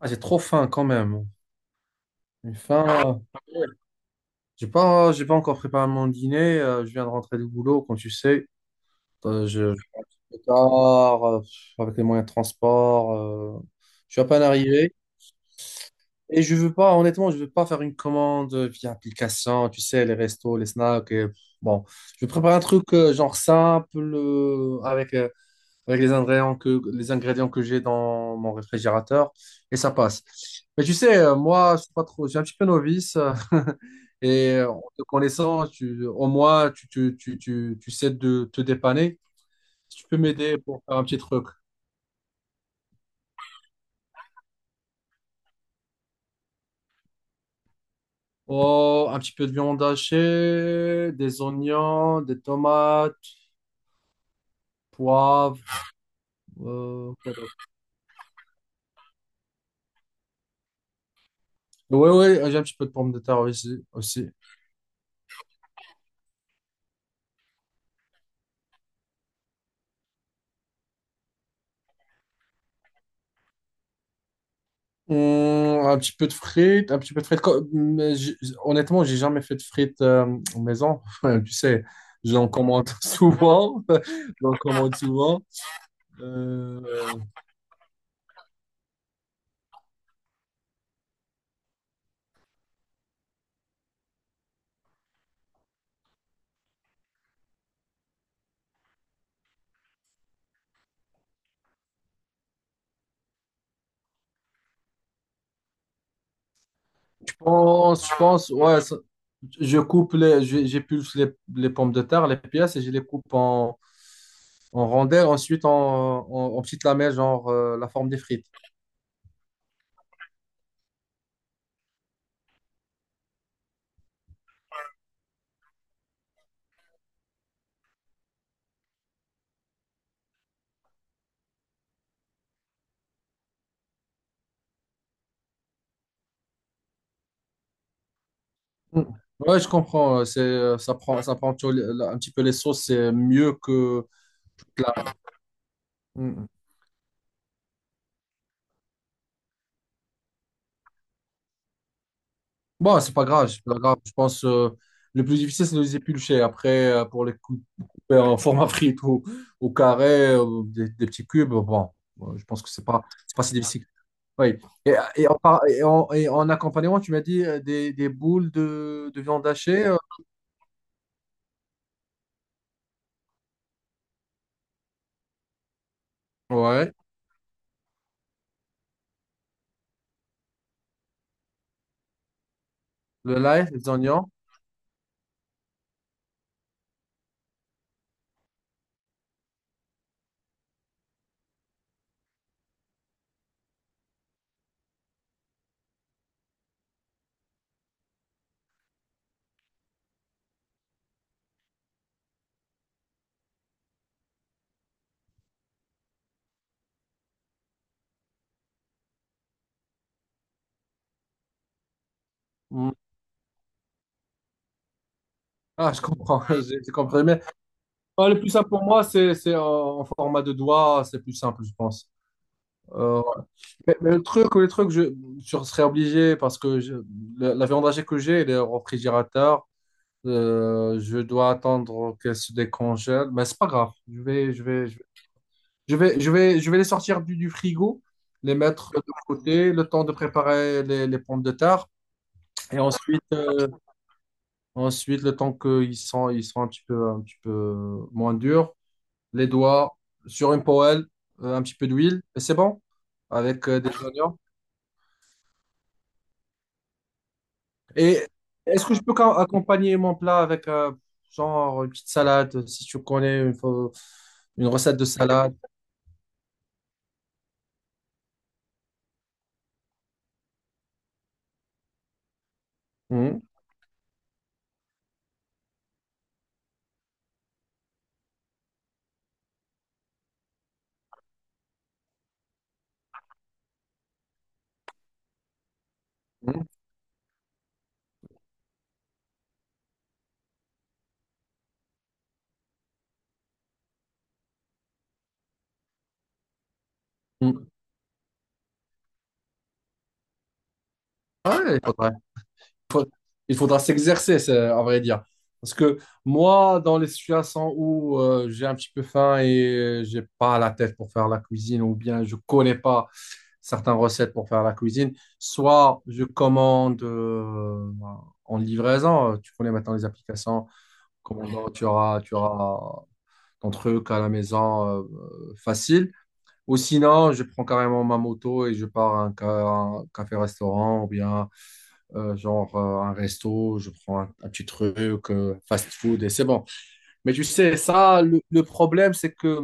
Ah, j'ai trop faim quand même. J'ai faim. J'ai pas encore préparé mon dîner. Je viens de rentrer du boulot, comme tu sais. Euh, je je pars, avec les moyens de transport. Je suis à peine arrivé. Et je veux pas, honnêtement, je veux pas faire une commande via application, tu sais, les restos, les snacks. Et bon, je vais préparer un truc genre simple, avec les ingrédients que j'ai dans mon réfrigérateur et ça passe. Mais tu sais, moi, je suis pas trop, j'ai un petit peu novice et en te connaissant, tu, au moins, tu sais de te dépanner. Si tu peux m'aider pour faire un petit truc. Oh, un petit peu de viande hachée, des oignons, des tomates, poivre. Quoi d'autre, ouais, ouais, j'ai un petit peu de pommes de terre aussi. Un petit peu de frites, un petit peu de frites. Honnêtement, j'ai jamais fait de frites en maison. Tu sais, j'en commande souvent. J'en commande souvent. Euh, je pense, ouais, ça- je coupe les, je- j'épulse les pommes de terre, les pièces, et je les coupe en rondelles, ensuite en petites lamelles, genre la forme des frites. Hum. Ouais, je comprends. Ça prend toujours un petit peu les sauces, c'est mieux que. de la- Bon, c'est pas grave, c'est pas grave. Je pense, le plus difficile, c'est de les éplucher. Après, pour les couper en format frite ou au carré, des petits cubes, bon, je pense que c'est pas si difficile. Oui. Et en, par- et en accompagnement, tu m'as dit des boules de viande hachée. Ouais, le lait, les oignons. Mm. Ah, je comprends, j'ai compris. Mais le plus simple pour moi, c'est en format de doigt, c'est plus simple, je pense. Euh, mais le truc, je serais obligé parce que la viande hachée que j'ai, elle est au réfrigérateur. Je dois attendre qu'elle se décongèle. Mais c'est pas grave. Je vais, les sortir du frigo, les mettre de côté, le temps de préparer les pommes de terre. Et ensuite le temps qu'ils sont un petit peu moins durs, les doigts sur une poêle, un petit peu d'huile, et c'est bon. Avec des oignons. Et est-ce que je peux accompagner mon plat avec genre une petite salade, si tu connais une recette de salade? Mhm, mhm, mhm. Ouais, il faudrait, il faudra s'exercer, à vrai dire. Parce que moi, dans les situations où j'ai un petit peu faim et j'ai pas la tête pour faire la cuisine, ou bien je connais pas certaines recettes pour faire la cuisine, soit je commande en livraison. Tu connais maintenant les applications. Commandant, tu auras entre eux qu'à la maison facile. Ou sinon, je prends carrément ma moto et je pars à un café-restaurant ou bien genre un resto, je prends un petit truc, fast-food et c'est bon. Mais tu sais, ça, le problème, c'est que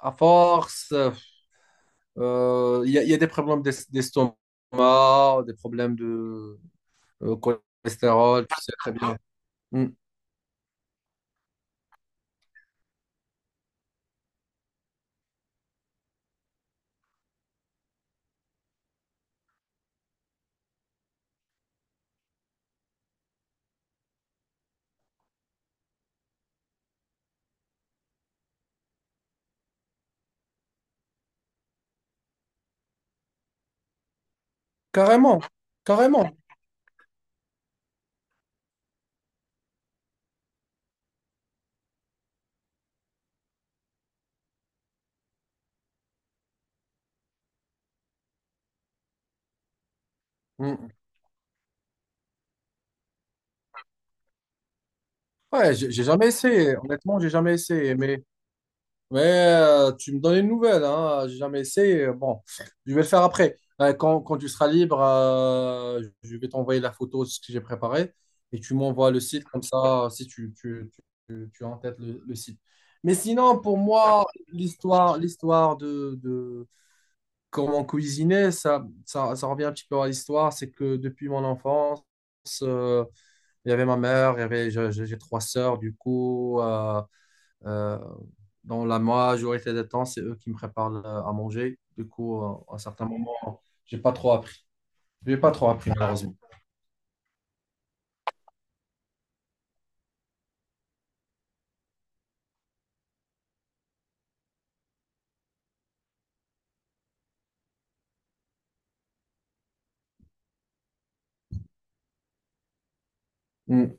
à force, il y a des problèmes d'estomac, des problèmes de euh, cholestérol, tu sais très bien. Mm. Carrément, carrément. Mm. Ouais, j'ai jamais essayé, honnêtement, j'ai jamais essayé, mais tu me donnes une nouvelle, hein. J'ai jamais essayé. Bon, je vais le faire après. Quand tu seras libre, je vais t'envoyer la photo de ce que j'ai préparé et tu m'envoies le site comme ça, si tu as en tête le site. Mais sinon, pour moi, l'histoire de comment cuisiner, ça revient un petit peu à l'histoire. C'est que depuis mon enfance, euh, il y avait ma mère, il y avait, je- j'ai trois sœurs, du coup. Euh, dans la majorité des temps, c'est eux qui me préparent à manger. Du coup, à certains moments, j'ai pas trop appris. J'ai pas trop appris, malheureusement. Mm.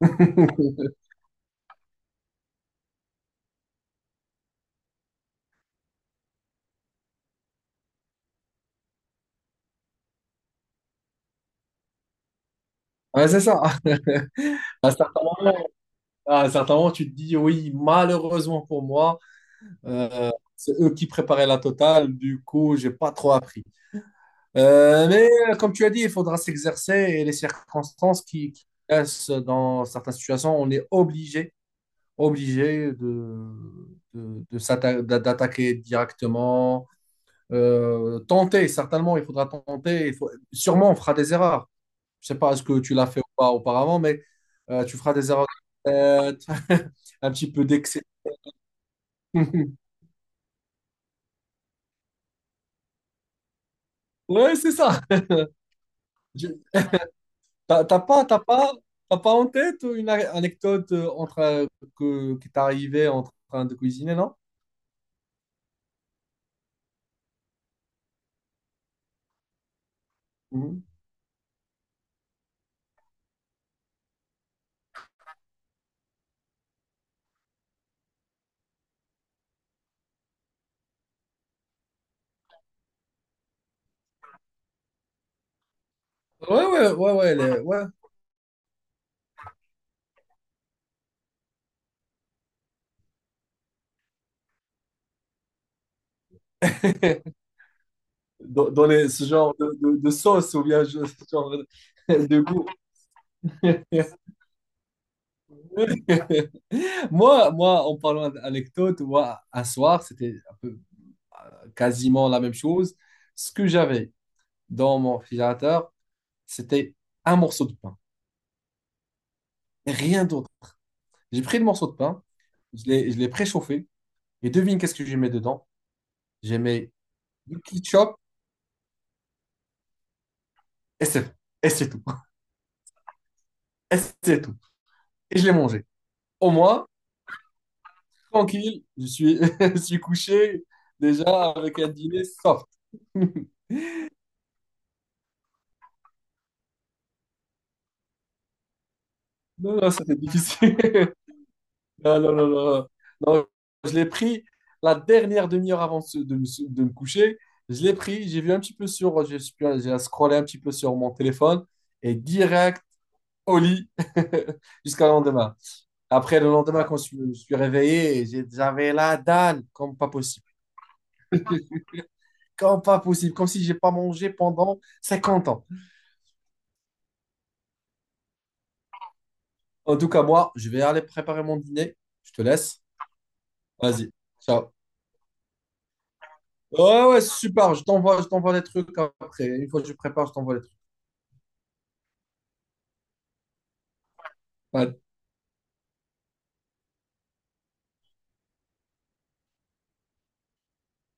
Ouais, c'est ça. À certains moments, à certains moments, tu te dis, oui, malheureusement pour moi, c'est eux qui préparaient la totale. Du coup, j'ai pas trop appris. Mais comme tu as dit, il faudra s'exercer et les circonstances qui laissent dans certaines situations, on est obligé de, d'attaquer directement, tenter, certainement, il faudra tenter. Sûrement, on fera des erreurs. Je ne sais pas ce que tu l'as fait ou pas auparavant, mais tu feras des erreurs de tête, un petit peu d'excès. Ouais, c'est ça. Je- T'as t'as pas, t'as pas, t'as pas en tête une anecdote qui t'est arrivée en train de cuisiner, non? Mhm. Ouais, ouais, ouais, ouais, ouais. dans ce genre de sauce ou bien ce genre de de goût. Moi, en parlant d'anecdote, moi, un soir, c'était un peu quasiment la même chose. Ce que j'avais dans mon réfrigérateur, c'était un morceau de pain, et rien d'autre. J'ai pris le morceau de pain, je l'ai préchauffé, et devine qu'est-ce que j'ai mis dedans? J'ai mis du ketchup, et c'est et c'est tout. Et c'est tout. Et je l'ai mangé. Au moins, tranquille, je suis, je suis couché déjà avec un dîner soft. Non, non, c'était difficile. Non, non, non, non. Non, je l'ai pris la dernière demi-heure avant de me coucher. Je l'ai pris, j'ai vu un petit peu sur, j'ai scrollé un petit peu sur mon téléphone et direct au lit jusqu'au lendemain. Après, le lendemain, quand je me suis réveillé, j'avais la dalle comme pas possible. Comme pas possible, comme si j'ai pas mangé pendant 50 ans. En tout cas, moi, je vais aller préparer mon dîner. Je te laisse. Vas-y. Ciao. Ouais, ouais, super. Je t'envoie les trucs après. Une fois que je prépare, je t'envoie les trucs. Ouais.